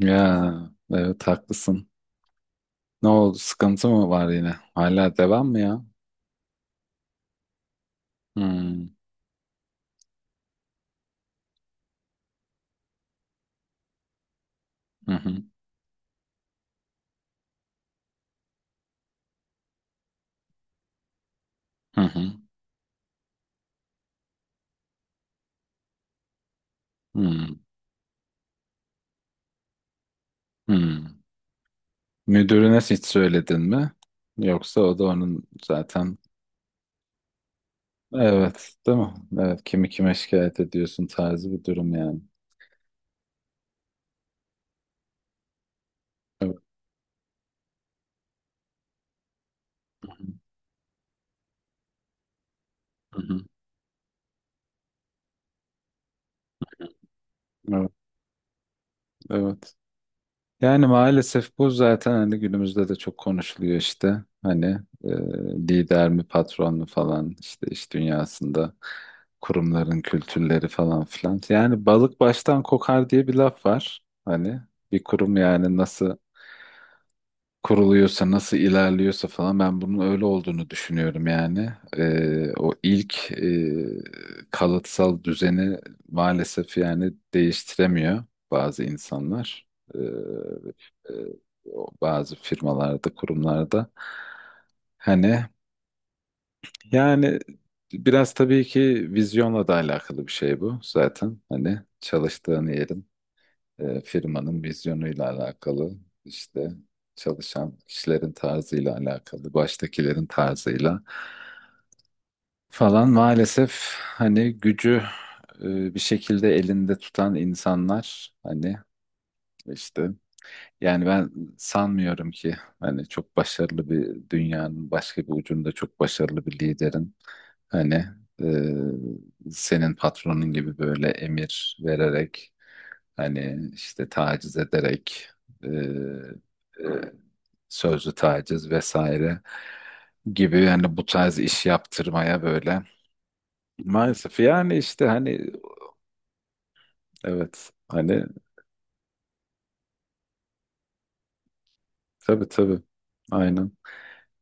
Ya evet, haklısın. Ne oldu? Sıkıntı mı var yine? Hala devam mı ya? Hmm. Hı hı. Hı hı. Hmm. Hmm. Müdürüne hiç söyledin mi? Yoksa o da onun zaten. Evet, değil mi? Evet, kimi kime şikayet ediyorsun tarzı bir durum yani. Evet. Hı hı. Evet. Evet. Yani maalesef bu zaten hani günümüzde de çok konuşuluyor işte. Hani e, lider mi patron mu falan işte iş dünyasında kurumların kültürleri falan filan. Yani balık baştan kokar diye bir laf var. Hani bir kurum yani nasıl kuruluyorsa, nasıl ilerliyorsa falan ben bunun öyle olduğunu düşünüyorum yani. O ilk kalıtsal düzeni maalesef yani değiştiremiyor bazı insanlar. Ee, e, o bazı firmalarda, kurumlarda. Hani yani biraz tabii ki vizyonla da alakalı bir şey bu zaten. Hani çalıştığın yerin firmanın vizyonuyla alakalı işte çalışan kişilerin tarzıyla alakalı, baştakilerin tarzıyla falan maalesef hani gücü bir şekilde elinde tutan insanlar hani işte yani ben sanmıyorum ki hani çok başarılı bir dünyanın başka bir ucunda çok başarılı bir liderin hani senin patronun gibi böyle emir vererek hani işte taciz ederek e, e, sözlü taciz vesaire gibi yani bu tarz iş yaptırmaya böyle maalesef yani işte hani evet hani tabii tabii aynen.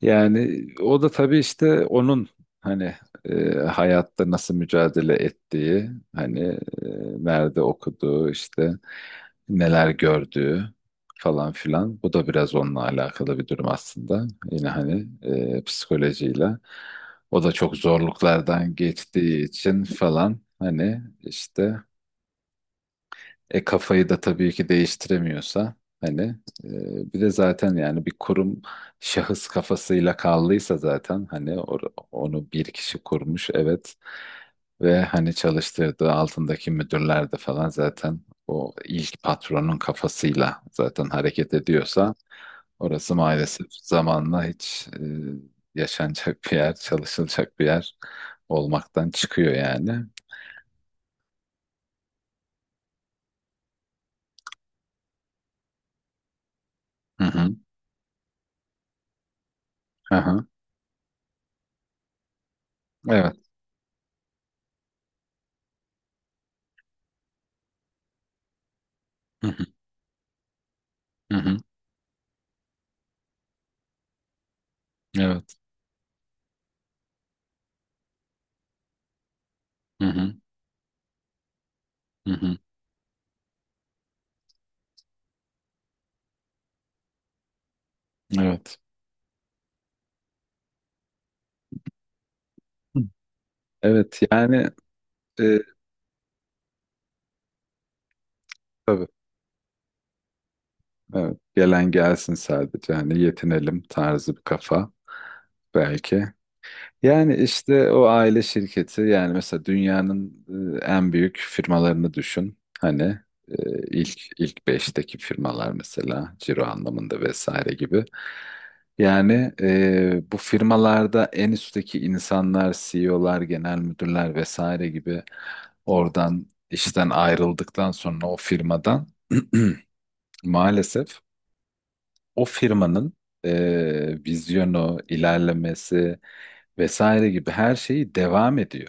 Yani o da tabii işte onun hani hayatta nasıl mücadele ettiği, hani nerede okuduğu, işte neler gördüğü falan filan. Bu da biraz onunla alakalı bir durum aslında. Yine hani psikolojiyle. O da çok zorluklardan geçtiği için falan hani işte e kafayı da tabii ki değiştiremiyorsa hani bir de zaten yani bir kurum şahıs kafasıyla kaldıysa zaten hani onu bir kişi kurmuş, evet, ve hani çalıştırdığı altındaki müdürler de falan zaten o ilk patronun kafasıyla zaten hareket ediyorsa orası maalesef zamanla hiç yaşanacak bir yer, çalışılacak bir yer olmaktan çıkıyor yani. Hı hı. Aha. Evet. Hı hı. Hı hı. Evet. Hı hı. Hı hı. Evet. Hı. Evet yani e, tabii evet, gelen gelsin sadece hani yetinelim tarzı bir kafa belki. Yani işte o aile şirketi yani mesela dünyanın en büyük firmalarını düşün. Hani e, ilk beşteki firmalar mesela ciro anlamında vesaire gibi. Yani bu firmalarda en üstteki insanlar, CEO'lar, genel müdürler vesaire gibi oradan işten ayrıldıktan sonra o firmadan maalesef o firmanın vizyonu, ilerlemesi vesaire gibi her şeyi devam ediyor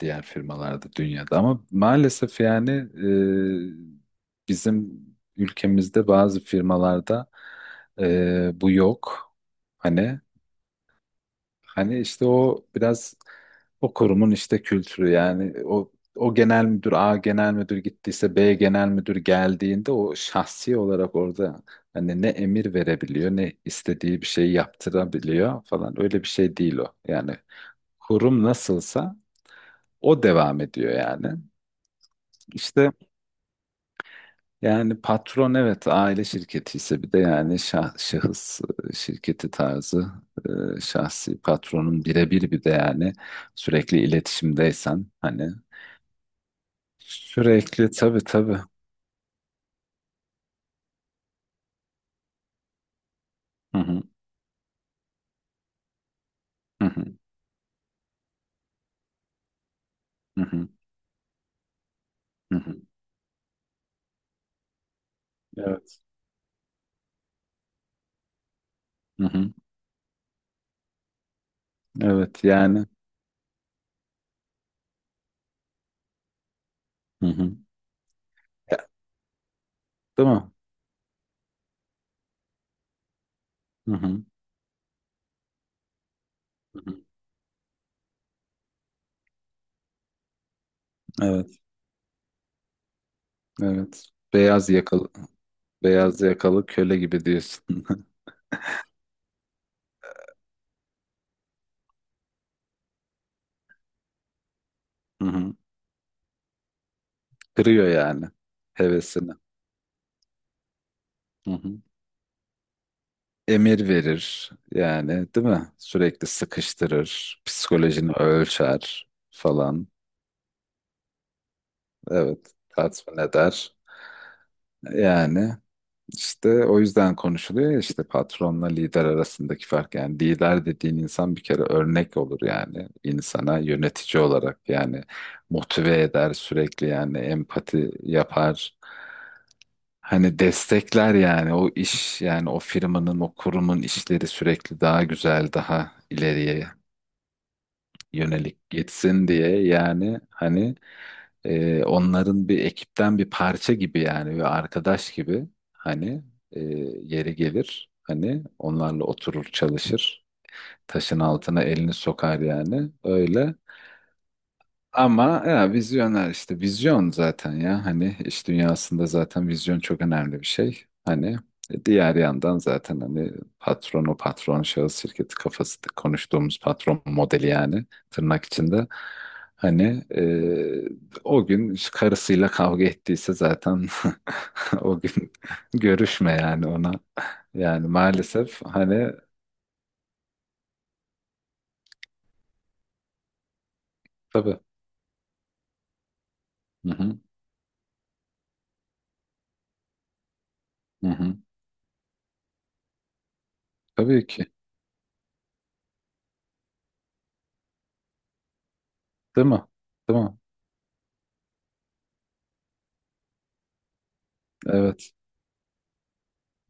diğer firmalarda dünyada. Ama maalesef yani bizim ülkemizde bazı firmalarda bu yok. Hani hani işte o biraz o kurumun işte kültürü yani o o genel müdür A genel müdür gittiyse B genel müdür geldiğinde o şahsi olarak orada hani ne emir verebiliyor ne istediği bir şey yaptırabiliyor falan öyle bir şey değil o. Yani kurum nasılsa o devam ediyor yani. İşte yani patron evet aile şirketi ise bir de yani şahıs şirketi tarzı şahsi patronun birebir bir de yani sürekli iletişimdeysen hani sürekli tabii tabii. Hı hı, hı hı, hı hı, hı hı. Evet. Hı hı, evet yani. Hı hı. Değil mi? Hı hı, hı hı. Evet, evet. Beyaz yakalı beyaz yakalı köle gibi diyorsun. Hı hı. Kırıyor yani hevesini. Hı hı. Emir verir yani, değil mi? Sürekli sıkıştırır, psikolojini ölçer falan. Evet, tatmin eder. Yani işte o yüzden konuşuluyor ya, işte patronla lider arasındaki fark. Yani lider dediğin insan bir kere örnek olur yani, insana yönetici olarak yani motive eder sürekli yani empati yapar. Hani destekler yani o iş yani o firmanın o kurumun işleri sürekli daha güzel daha ileriye yönelik gitsin diye yani hani onların bir ekipten bir parça gibi yani ve arkadaş gibi hani e, yeri gelir hani onlarla oturur çalışır taşın altına elini sokar yani öyle ama ya, vizyoner işte vizyon zaten ya hani iş dünyasında zaten vizyon çok önemli bir şey. Hani diğer yandan zaten hani patron o patron şahıs şirketi kafası konuştuğumuz patron modeli yani tırnak içinde. Hani o gün karısıyla kavga ettiyse zaten o gün görüşme yani ona. Yani maalesef hani tabii. Hı hı, hı hı. Tabii ki. Değil mi? Değil mi? Evet,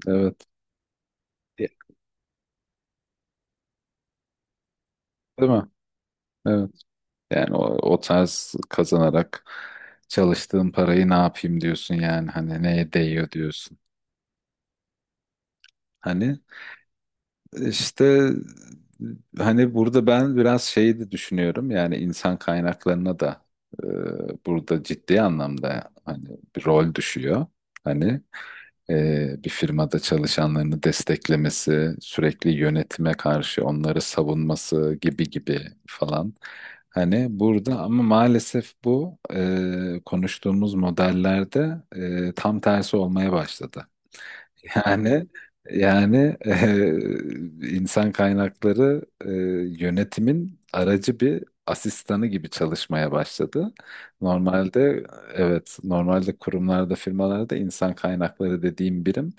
evet. Değil mi? Evet. Yani o, o tarz kazanarak çalıştığın parayı ne yapayım diyorsun yani hani neye değiyor diyorsun. Hani işte hani burada ben biraz şeyi de düşünüyorum yani insan kaynaklarına da burada ciddi anlamda hani bir rol düşüyor. Hani bir firmada çalışanlarını desteklemesi, sürekli yönetime karşı onları savunması gibi gibi falan. Hani burada ama maalesef bu konuştuğumuz modellerde tam tersi olmaya başladı. Yani yani insan kaynakları yönetimin aracı bir asistanı gibi çalışmaya başladı. Normalde evet normalde kurumlarda firmalarda insan kaynakları dediğim birim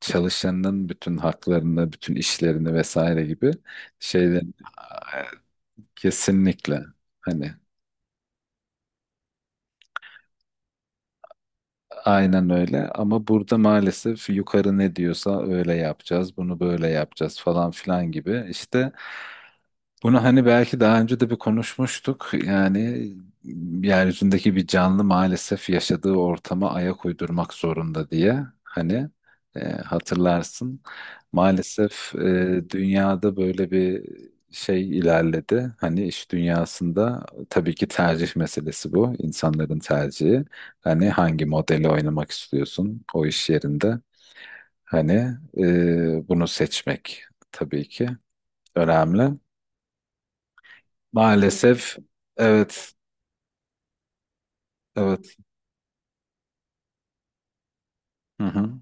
çalışanın bütün haklarını, bütün işlerini vesaire gibi şeylerin kesinlikle hani aynen öyle ama burada maalesef yukarı ne diyorsa öyle yapacağız, bunu böyle yapacağız falan filan gibi işte bunu hani belki daha önce de bir konuşmuştuk. Yani yeryüzündeki bir canlı maalesef yaşadığı ortama ayak uydurmak zorunda diye. Hani hatırlarsın. Maalesef dünyada böyle bir şey ilerledi. Hani iş dünyasında tabii ki tercih meselesi bu. İnsanların tercihi. Hani hangi modeli oynamak istiyorsun o iş yerinde? Hani bunu seçmek tabii ki önemli. Maalesef evet, evet. Hı hı.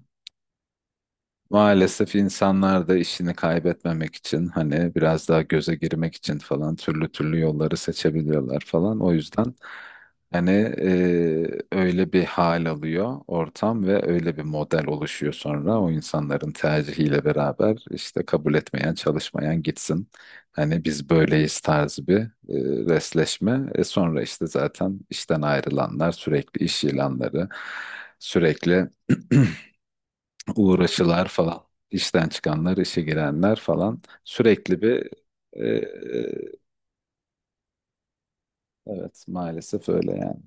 Maalesef insanlar da işini kaybetmemek için hani biraz daha göze girmek için falan türlü türlü yolları seçebiliyorlar falan. O yüzden hani e, öyle bir hal alıyor ortam ve öyle bir model oluşuyor sonra o insanların tercihiyle beraber işte kabul etmeyen çalışmayan gitsin. Hani biz böyleyiz tarzı bir resleşme. E sonra işte zaten işten ayrılanlar sürekli iş ilanları sürekli uğraşılar falan. İşten çıkanlar, işe girenler falan. Sürekli bir e, e, evet maalesef öyle yani.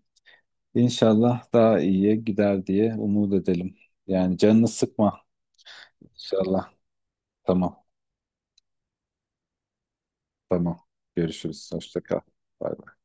İnşallah daha iyiye gider diye umut edelim. Yani canını sıkma, inşallah. Tamam, tamam. Görüşürüz. Hoşça kal. Bay bay.